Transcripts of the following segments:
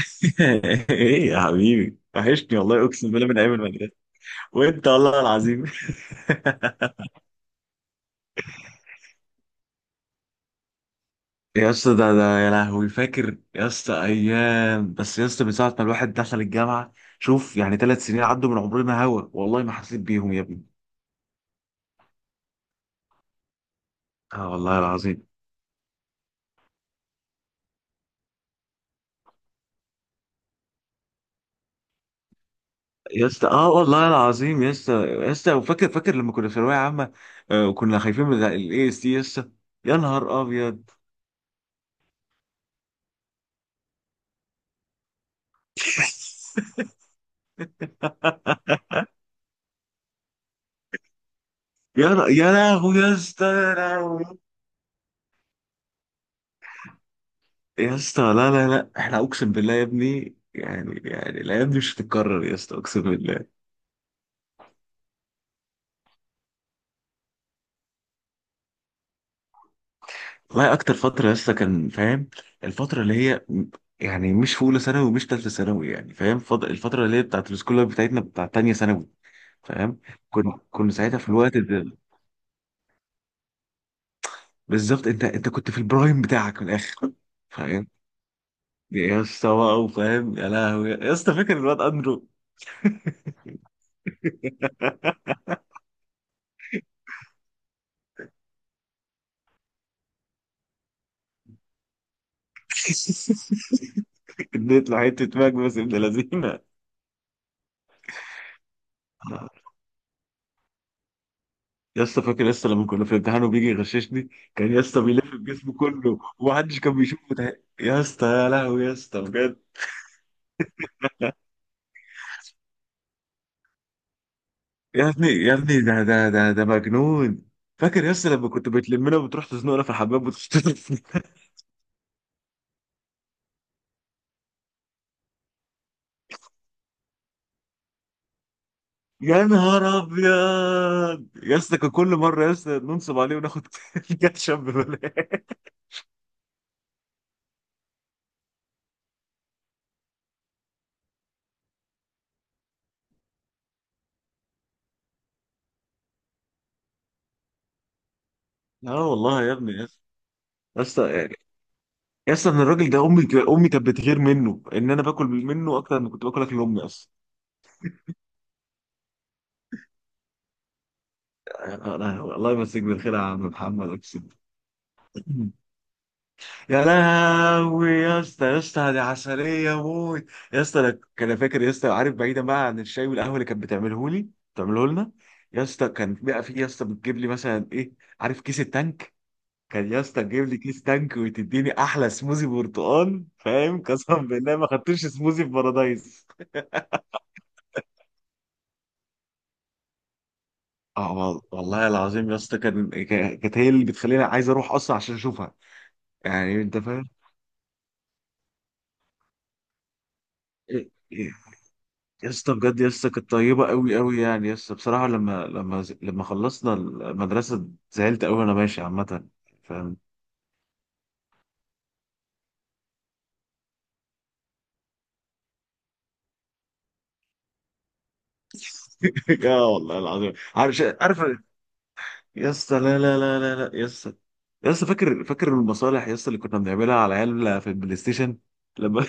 ايه يا حبيبي، وحشني والله، اقسم بالله من ايام المدرسه. وانت والله العظيم. يا اسطى، ده يا لهوي، فاكر يا اسطى ايام، بس يا اسطى من ساعه ما الواحد دخل الجامعه. شوف، يعني 3 سنين عدوا من عمرنا هوا والله، ما حسيت بيهم يا ابني. اه والله العظيم يا اسطى، اه والله العظيم يا اسطى يا اسطى، وفاكر لما كنا في ثانويه عامه. آه، وكنا خايفين من الاي اس تي يا اسطى. يا نهار ابيض. يا لهوي يا اسطى، يا لهوي. يا اسطى، لا لا لا، احنا اقسم بالله يا ابني، يعني الايام دي مش هتتكرر يا اسطى، اقسم بالله. والله اكتر فتره يا اسطى، كان فاهم، الفتره اللي هي يعني مش في اولى ثانوي ومش ثالثه ثانوي، يعني فاهم، الفتره اللي هي بتاعت السكول لايف بتاعتنا بتاعت ثانيه ثانوي، فاهم. كنا ساعتها في الوقت ده. بالظبط، انت كنت في البرايم بتاعك من الاخر، فاهم. يا اسطى بقى وفاهم، يا لهوي يا اسطى، فاكر الواد اندرو؟ اديت له حته ماك، بس ابن لذينه. يا اسطى فاكر يا اسطى لما كنا في امتحان وبيجي يغششني، كان يا اسطى بيلف الجسم كله ومحدش كان بيشوفه، ده يا اسطى، يا لهوي يا اسطى بجد. يا ابني يا ابني، ده مجنون. فاكر يا اسطى لما كنت بتلمنا وبتروح تزنقنا في الحمام وتشتغل؟ يا نهار ابيض يا اسطى، كان كل مره يا اسطى ننصب عليه وناخد كاتشب ببلاش. اه والله يا ابني يا اسطى، يا اسطى يا اسطى ان الراجل ده، امي امي كانت بتغير منه ان انا باكل منه اكتر من كنت باكل اكل امي اصلا. أنا- الله يمسيك بالخير يا عم محمد، اقسم. يا لهوي يا اسطى، يا اسطى دي عسليه موت. يا اسطى، انا فاكر يا اسطى، عارف، بعيدا بقى عن الشاي والقهوه اللي كانت بتعمله لي، بتعمله لنا. يا اسطى كان بقى في يا اسطى بتجيب لي مثلا ايه، عارف كيس التانك؟ كان يا اسطى تجيب لي كيس تانك وتديني احلى سموزي برتقال، فاهم. قسما بالله ما خدتش سموزي في بارادايس. اه والله العظيم يا اسطى، كانت هي اللي بتخليني عايز اروح اصلا عشان اشوفها، يعني انت فاهم. إيه، إيه، يا اسطى بجد يا اسطى كانت طيبه قوي قوي، يعني يا اسطى بصراحه لما خلصنا المدرسه زعلت قوي وانا ماشي عامه، فاهم. اه والله العظيم، عارف عارف. يا اسطى لا لا لا لا لا يا اسطى، يا اسطى فاكر المصالح يا اسطى اللي كنا بنعملها على العيال في البلاي ستيشن لما.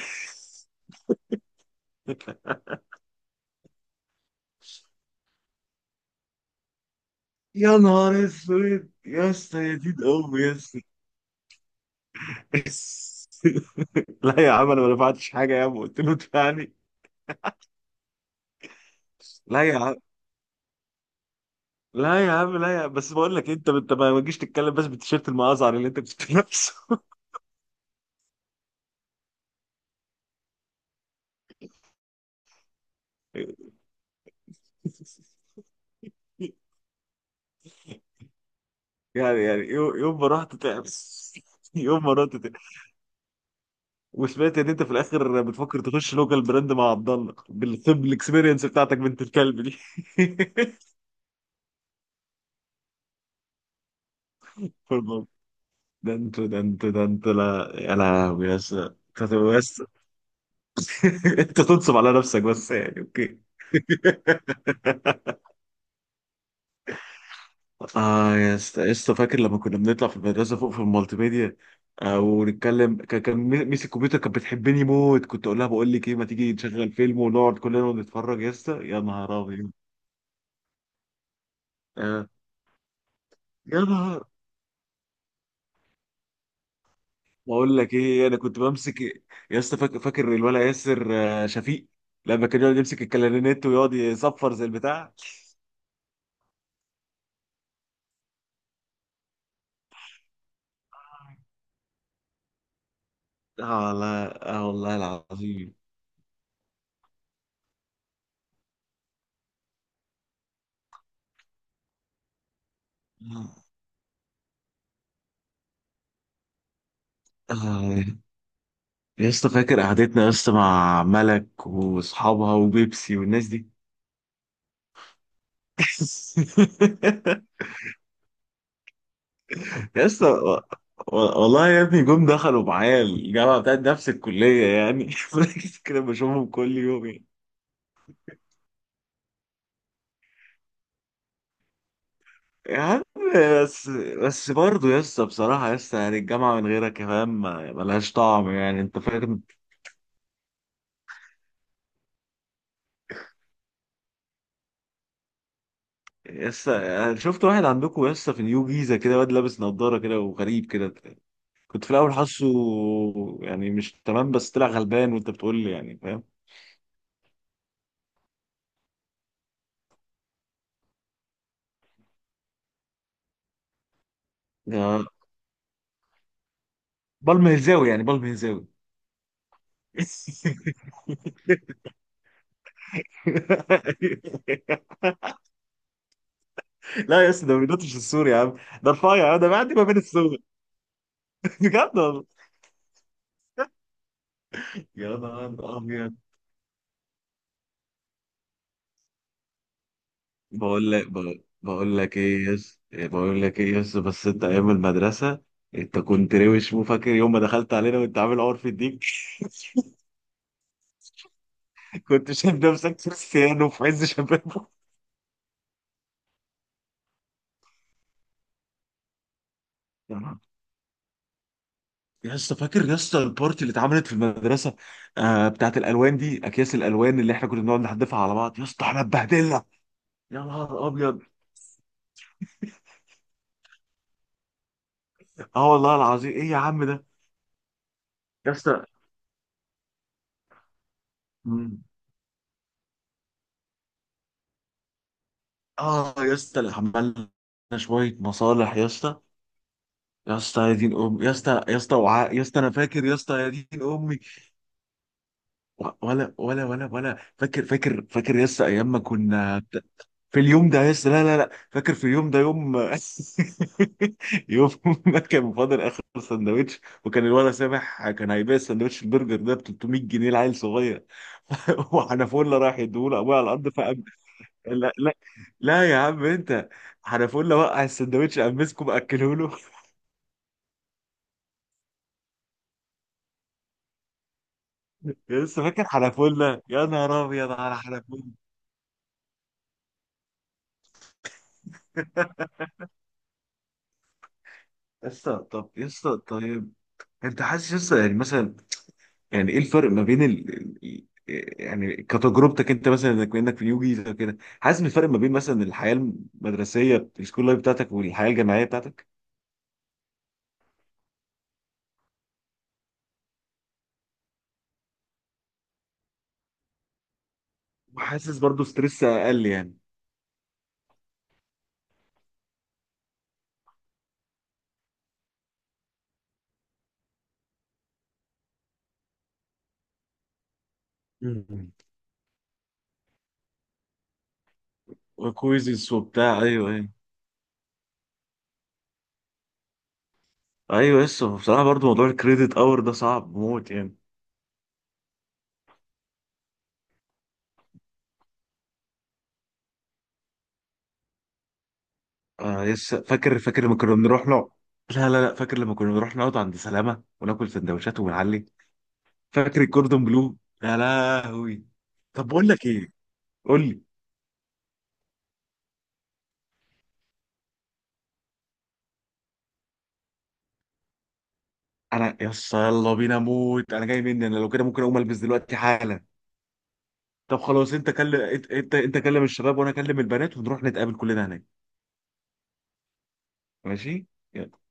يا نهار اسود يا اسطى، يا دين امي يا اسطى. لا يا عم، انا ما دفعتش حاجه يا عم، قلت له ادفعني. لا يا عم، لا يا عم، لا يا عم. بس بقول لك، انت ما تجيش تتكلم بس بالتيشيرت المأزعر اللي انت كنت لابسه. يعني يوم ما رحت تعب، يوم ما رحت تعب وسمعت ان انت في الاخر بتفكر تخش لوكال براند مع عبد الله بالطب، الاكسبيرينس بتاعتك، بنت الكلب دي. فالمهم، ده انت ده انت، لا يا لهوي يا اسطى. انت بس. انت تنصب على نفسك بس يعني، اوكي. اه يا اسطى يا اسطى، فاكر لما كنا بنطلع في المدرسه فوق في المالتي ميديا؟ آه، ونتكلم، كان ميس الكمبيوتر كانت بتحبني موت، كنت اقول لها بقول لك ايه، ما تيجي نشغل فيلم ونقعد كلنا ونتفرج؟ يا اسطى يا نهار ابيض. آه يا نهار، بقول لك ايه، انا كنت بمسك. يا اسطى فاكر الولد ياسر، شفيق، لما كان يقعد يمسك الكلارينيت ويقعد يصفر زي البتاع. اه لا، اه والله العظيم. آه، آه، يا اسطى فاكر قعدتنا يا اسطى مع ملك واصحابها وبيبسي والناس دي. يا اسطى والله يا ابني، جم دخلوا معايا الجامعه بتاعت نفس الكليه يعني. فاكر كده بشوفهم كل يوم يعني. يا عم بس بس برضه يا اسطى بصراحه، يا اسطى يعني الجامعه من غيرك يا فاهم ملهاش طعم، يعني انت فاهم. يا اسطى أنا شفت واحد عندكم يا اسطى في نيو جيزه، كده واد لابس نضاره كده وغريب كده، كنت في الاول حاسه يعني مش تمام، بس طلع غلبان وانت بتقول لي، يعني فاهم. ده بالم هزاوي، يعني بالم هزاوي. لا يا اسطى، ده ما بينطش السور يا عم، ده رفيع، آه، ده معدي ما بين السور. بجد والله، يا نهار ابيض. بقول لك ايه يا اسطى، بقول لك ايه يا اسطى، بس انت ايام المدرسه انت كنت روش. مو فاكر يوم ما دخلت علينا وانت عامل عور في الديك؟ كنت شايف نفسك كريستيانو في عز شبابه. يا اسطى فاكر يا اسطى البارتي اللي اتعملت في المدرسه، بتاعت الالوان دي، اكياس الالوان اللي احنا كنا بنقعد نحدفها على بعض، يا اسطى احنا اتبهدلنا. يا نهار ابيض، اه والله العظيم، ايه يا عم ده يا اسطى. مم. اه يا اسطى، اللي عملنا شويه مصالح يا اسطى. يا اسطى يا دين ام يا اسطى، يا اسطى وعاء يا اسطى، انا فاكر يا اسطى، يا دين امي. ولا فاكر يس ايام ما كنا في اليوم ده، يس لا لا لا، فاكر في اليوم ده، يوم يوم ما كان فاضل اخر سندوتش، وكان الولد سامح كان هيبيع السندوتش البرجر ده ب 300 جنيه لعيل صغير. وحنفوله راح يديهوله ابويا على الارض فقام. لا لا لا يا عم، انت حنفوله وقع السندوتش قام مسكه مأكله له. لسه فاكر حنفوله، يا نهار ابيض على حنفوله. يسطا طب يسطا، طيب انت حاسس لسه يعني مثلا، يعني ايه الفرق ما بين ال- يعني كتجربتك انت مثلا، انك في نيو جيزه كده حاسس بالفرق ما بين مثلا الحياه المدرسيه السكول لايف بتاعتك والحياه الجامعيه بتاعتك؟ وحاسس برضو ستريس اقل يعني. مم. وكويزز وبتاع، ايوه ايوه ايوه. لسه بصراحه برضو موضوع الكريدت اور ده صعب موت يعني. آه، لسه فاكر لما كنا بنروح نقعد، لا لا لا، فاكر لما كنا بنروح نقعد عند سلامه وناكل سندوتشات ونعلي. فاكر الكوردون بلو؟ يا لهوي. طب بقول لك ايه، قول لي، انا يس يلا بينا موت، انا جاي مني، انا لو كده ممكن اقوم البس دلوقتي حالا. طب خلاص، انت كلم انت انت انت كلم الشباب، وانا اكلم البنات، ونروح نتقابل كلنا هناك. ماشي، يلا.